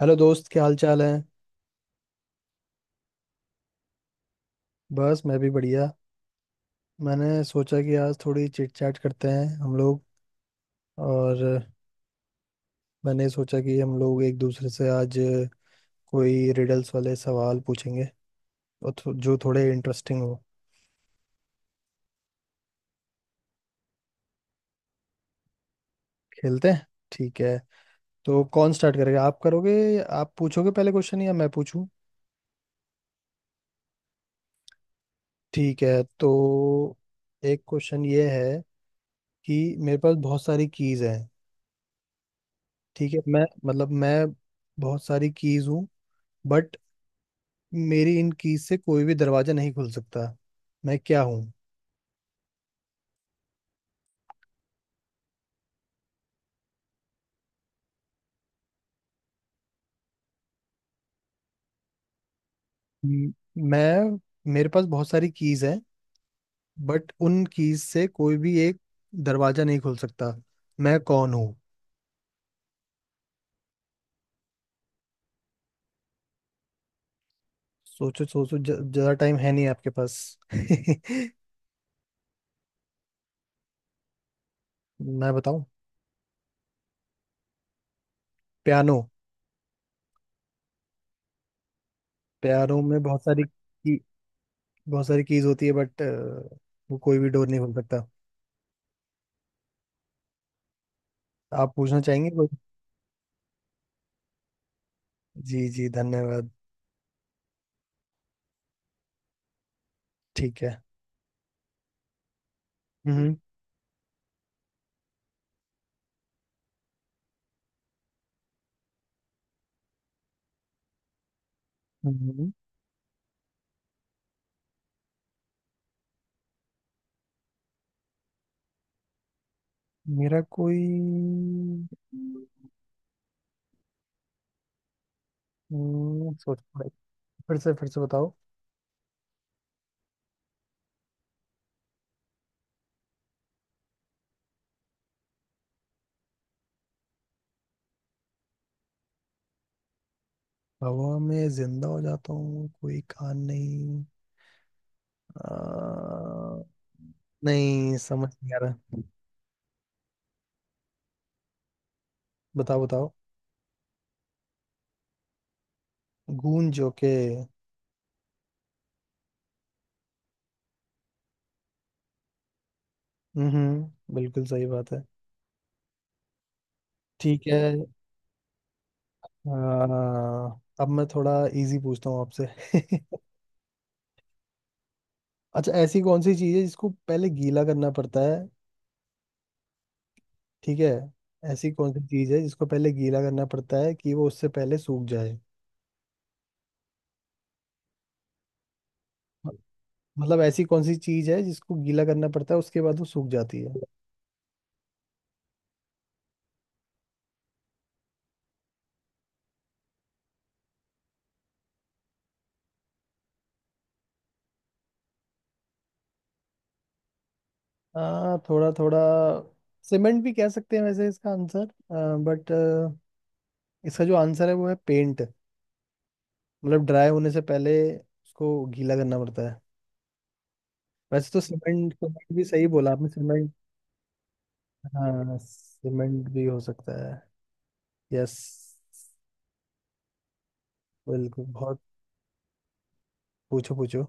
Hello दोस्त, क्या हाल चाल है। बस मैं भी बढ़िया। मैंने सोचा कि आज थोड़ी चिट चैट करते हैं हम लोग, और मैंने सोचा कि हम लोग एक दूसरे से आज कोई रिडल्स वाले सवाल पूछेंगे, जो थोड़े इंटरेस्टिंग हो। खेलते हैं। ठीक है, तो कौन स्टार्ट करेगा, आप करोगे? आप पूछोगे पहले क्वेश्चन या मैं पूछूं? ठीक है, तो एक क्वेश्चन ये है कि मेरे पास बहुत सारी कीज हैं। ठीक है, मैं बहुत सारी कीज हूँ, बट मेरी इन कीज से कोई भी दरवाजा नहीं खुल सकता। मैं क्या हूँ? म- मैं, मेरे पास बहुत सारी कीज हैं, बट उन कीज से कोई भी एक दरवाजा नहीं खुल सकता। मैं कौन हूँ? सोचो सोचो, ज्यादा टाइम है नहीं आपके पास। मैं बताऊं? पियानो। पियानो में बहुत सारी की, बहुत सारी कीज होती है, बट वो कोई भी डोर नहीं खुल सकता। आप पूछना चाहेंगे कोई? जी जी, धन्यवाद। ठीक है। हम्म। हम्म। मेरा कोई, सोचना पड़ेगा। फिर से, फिर से बताओ। हवा में जिंदा हो जाता हूँ, कोई कान नहीं। आ, नहीं, समझ नहीं आ रहा। बताओ बताओ। गूंज? ओके। हम्म, बिल्कुल सही बात है। ठीक है। आ, अब मैं थोड़ा इजी पूछता हूँ आपसे। अच्छा, ऐसी कौन सी चीज़ है जिसको पहले गीला करना पड़ता है? ठीक है, ऐसी कौन सी चीज़ है जिसको पहले गीला करना पड़ता है कि वो उससे पहले सूख जाए? मतलब ऐसी कौन सी चीज है जिसको गीला करना पड़ता है, उसके बाद वो सूख जाती है? थोड़ा थोड़ा। सीमेंट भी कह सकते हैं वैसे इसका आंसर, बट इसका जो आंसर है वो है पेंट। मतलब ड्राई होने से पहले उसको गीला करना पड़ता है। वैसे तो सीमेंट सीमेंट भी सही बोला आपने, सीमेंट। हाँ, सीमेंट भी हो सकता है। यस। बिल्कुल, बहुत। पूछो पूछो।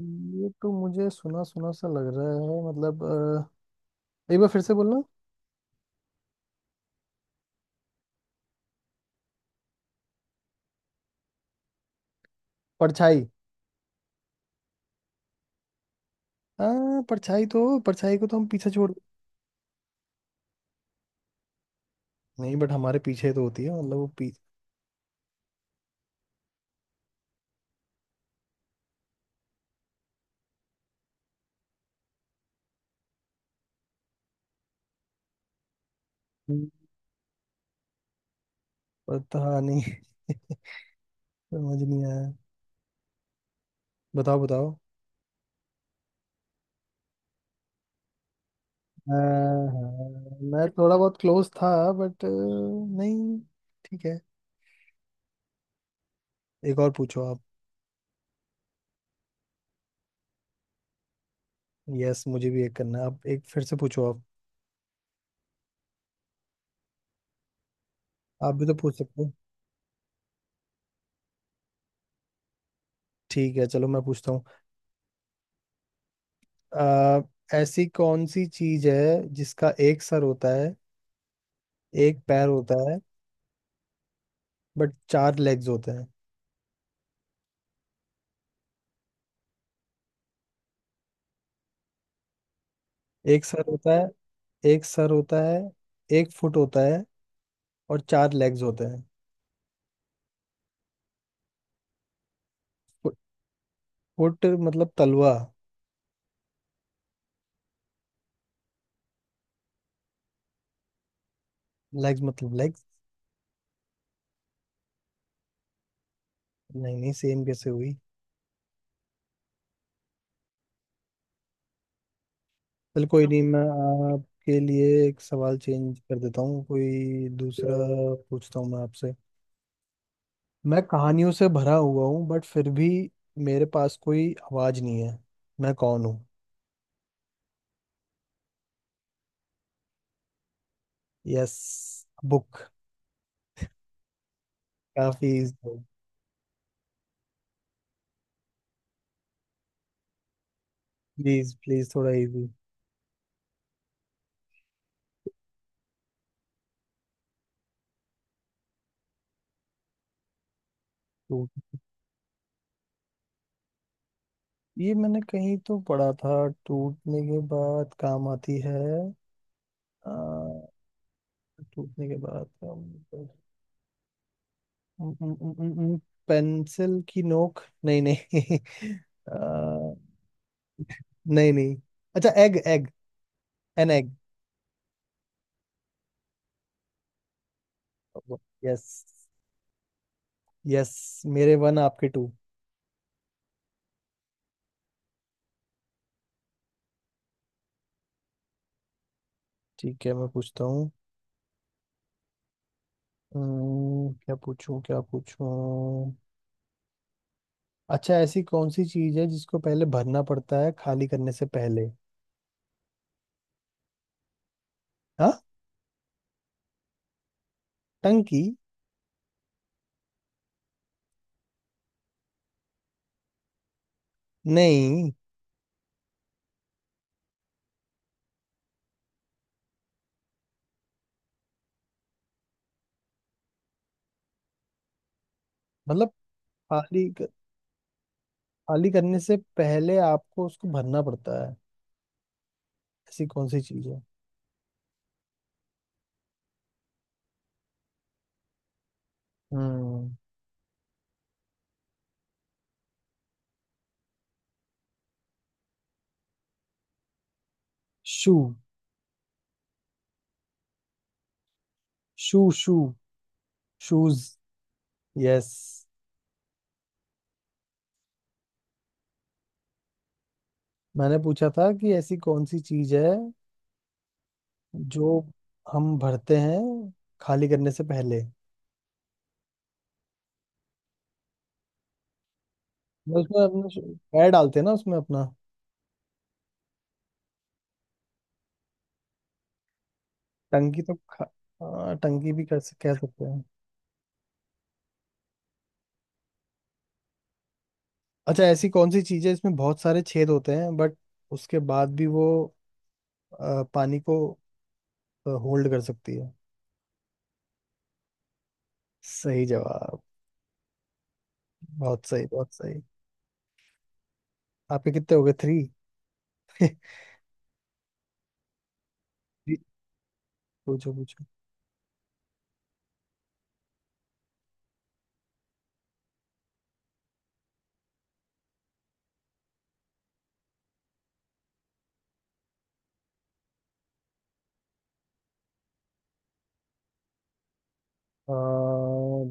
ये तो मुझे सुना सुना सा लग रहा है। मतलब एक बार फिर से बोलना। परछाई। हाँ, परछाई तो, परछाई को तो हम पीछे छोड़। नहीं, बट हमारे पीछे तो होती है, मतलब वो पीछे। पता नहीं। समझ नहीं आया। बताओ बताओ। हाँ, हाँ, मैं थोड़ा बहुत क्लोज था, बट नहीं। ठीक है, एक और पूछो आप। यस, मुझे भी एक करना है, आप एक फिर से पूछो आप। आप भी तो पूछ सकते हो। ठीक है, चलो मैं पूछता हूँ। अ, ऐसी कौन सी चीज है जिसका एक सर होता है, एक पैर होता है, बट चार लेग्स होते हैं? एक सर होता है। एक सर होता है, एक फुट होता है और चार लेग्स होते हैं। फुट, फुट मतलब तलवा। लेग्स मतलब लेग्स। नहीं नहीं, सेम कैसे हुई? चल कोई नहीं, मैं आपके लिए एक सवाल चेंज कर देता हूँ, कोई दूसरा पूछता हूँ मैं आपसे। मैं कहानियों से भरा हुआ हूँ, बट फिर भी मेरे पास कोई आवाज नहीं है। मैं कौन हूँ? Yes, book. काफी इजी। प्लीज प्लीज, थोड़ा इजी। ये मैंने कहीं तो पढ़ा था। टूटने के बाद काम आती है। आ, टूटने के बाद काम, पेंसिल की नोक? नहीं नहीं। आ, नहीं नहीं, अच्छा egg, egg, an egg. Yes. Yes, मेरे वन आपके टू। ठीक है, मैं पूछता हूँ। क्या पूछूं, क्या पूछूं? अच्छा, ऐसी कौन सी चीज है जिसको पहले भरना पड़ता है खाली करने से पहले? हाँ, टंकी? नहीं, मतलब खाली खाली करने से पहले आपको उसको भरना पड़ता है, ऐसी कौन सी चीज है? हम्म। Shoe. Shoe shoe. Shoes. Yes. मैंने पूछा था कि ऐसी कौन सी चीज है जो हम भरते हैं खाली करने से पहले। वो उसमें अपना पैर डालते हैं ना उसमें अपना। टंकी तो खा, हाँ, टंकी भी कर कह सकते हैं। अच्छा, ऐसी कौन सी चीज है इसमें बहुत सारे छेद होते हैं, बट उसके बाद भी वो पानी को होल्ड कर सकती है? सही जवाब। बहुत सही, बहुत सही। आपके कितने हो गए, थ्री? पूछो पूछो। आ,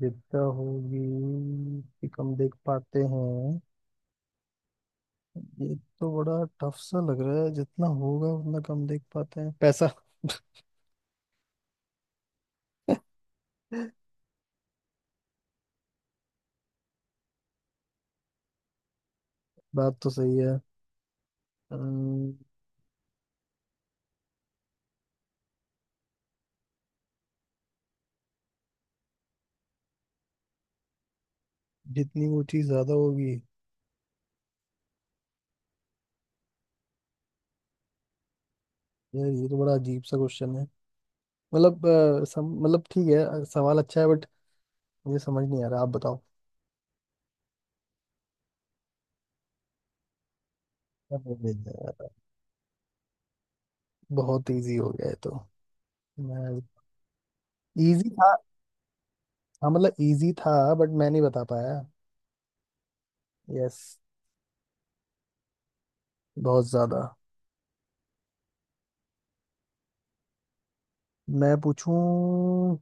विद्या होगी कि कम देख पाते हैं? ये तो बड़ा टफ सा लग रहा है। जितना होगा उतना कम देख पाते हैं, पैसा? बात तो सही है। अम्म, जितनी वो चीज ज्यादा होगी। यार, ये तो बड़ा अजीब सा क्वेश्चन है। मतलब मतलब ठीक है, सवाल अच्छा है, बट मुझे समझ नहीं आ रहा, आप बताओ। क्या बोलें यार? बहुत इजी हो गया है तो मैं। इजी था। हाँ मतलब इजी था, बट मैं नहीं बता पाया। यस। बहुत ज्यादा। मैं पूछूं?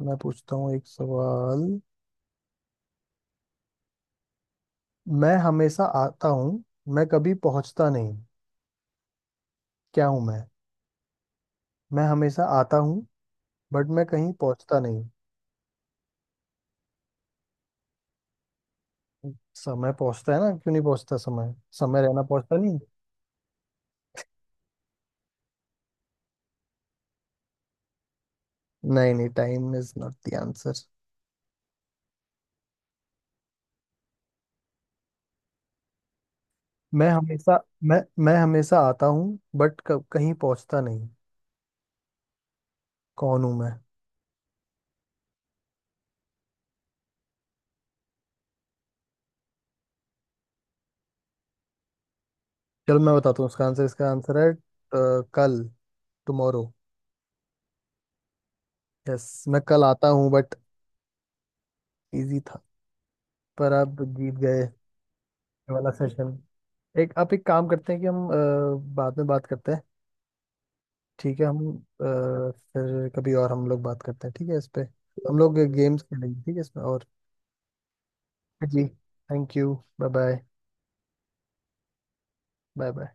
मैं पूछता हूँ एक सवाल। मैं हमेशा आता हूँ, मैं कभी पहुंचता नहीं। क्या हूं मैं? मैं हमेशा आता हूँ, बट मैं कहीं पहुंचता नहीं। समय पहुंचता है ना, क्यों नहीं पहुंचता समय? समय रहना पहुंचता नहीं। नहीं नहीं, time is not the answer. मैं हमेशा, मैं मैं हमेशा आता हूँ बट कहीं पहुंचता नहीं। कौन हूं मैं? चलो मैं बताता हूँ इसका आंसर, इसका आंसल है कल, टुमारो। यस, मैं कल आता हूँ बट। इजी था। पर आप जीत गए, ये वाला सेशन। एक आप एक काम करते हैं कि हम बाद में बात करते हैं। ठीक है, हम फिर कभी और हम लोग बात करते हैं, ठीक है, इस पे हम लोग गेम्स खेलेंगे, ठीक है इसमें और। जी, thank you, bye bye. Bye bye.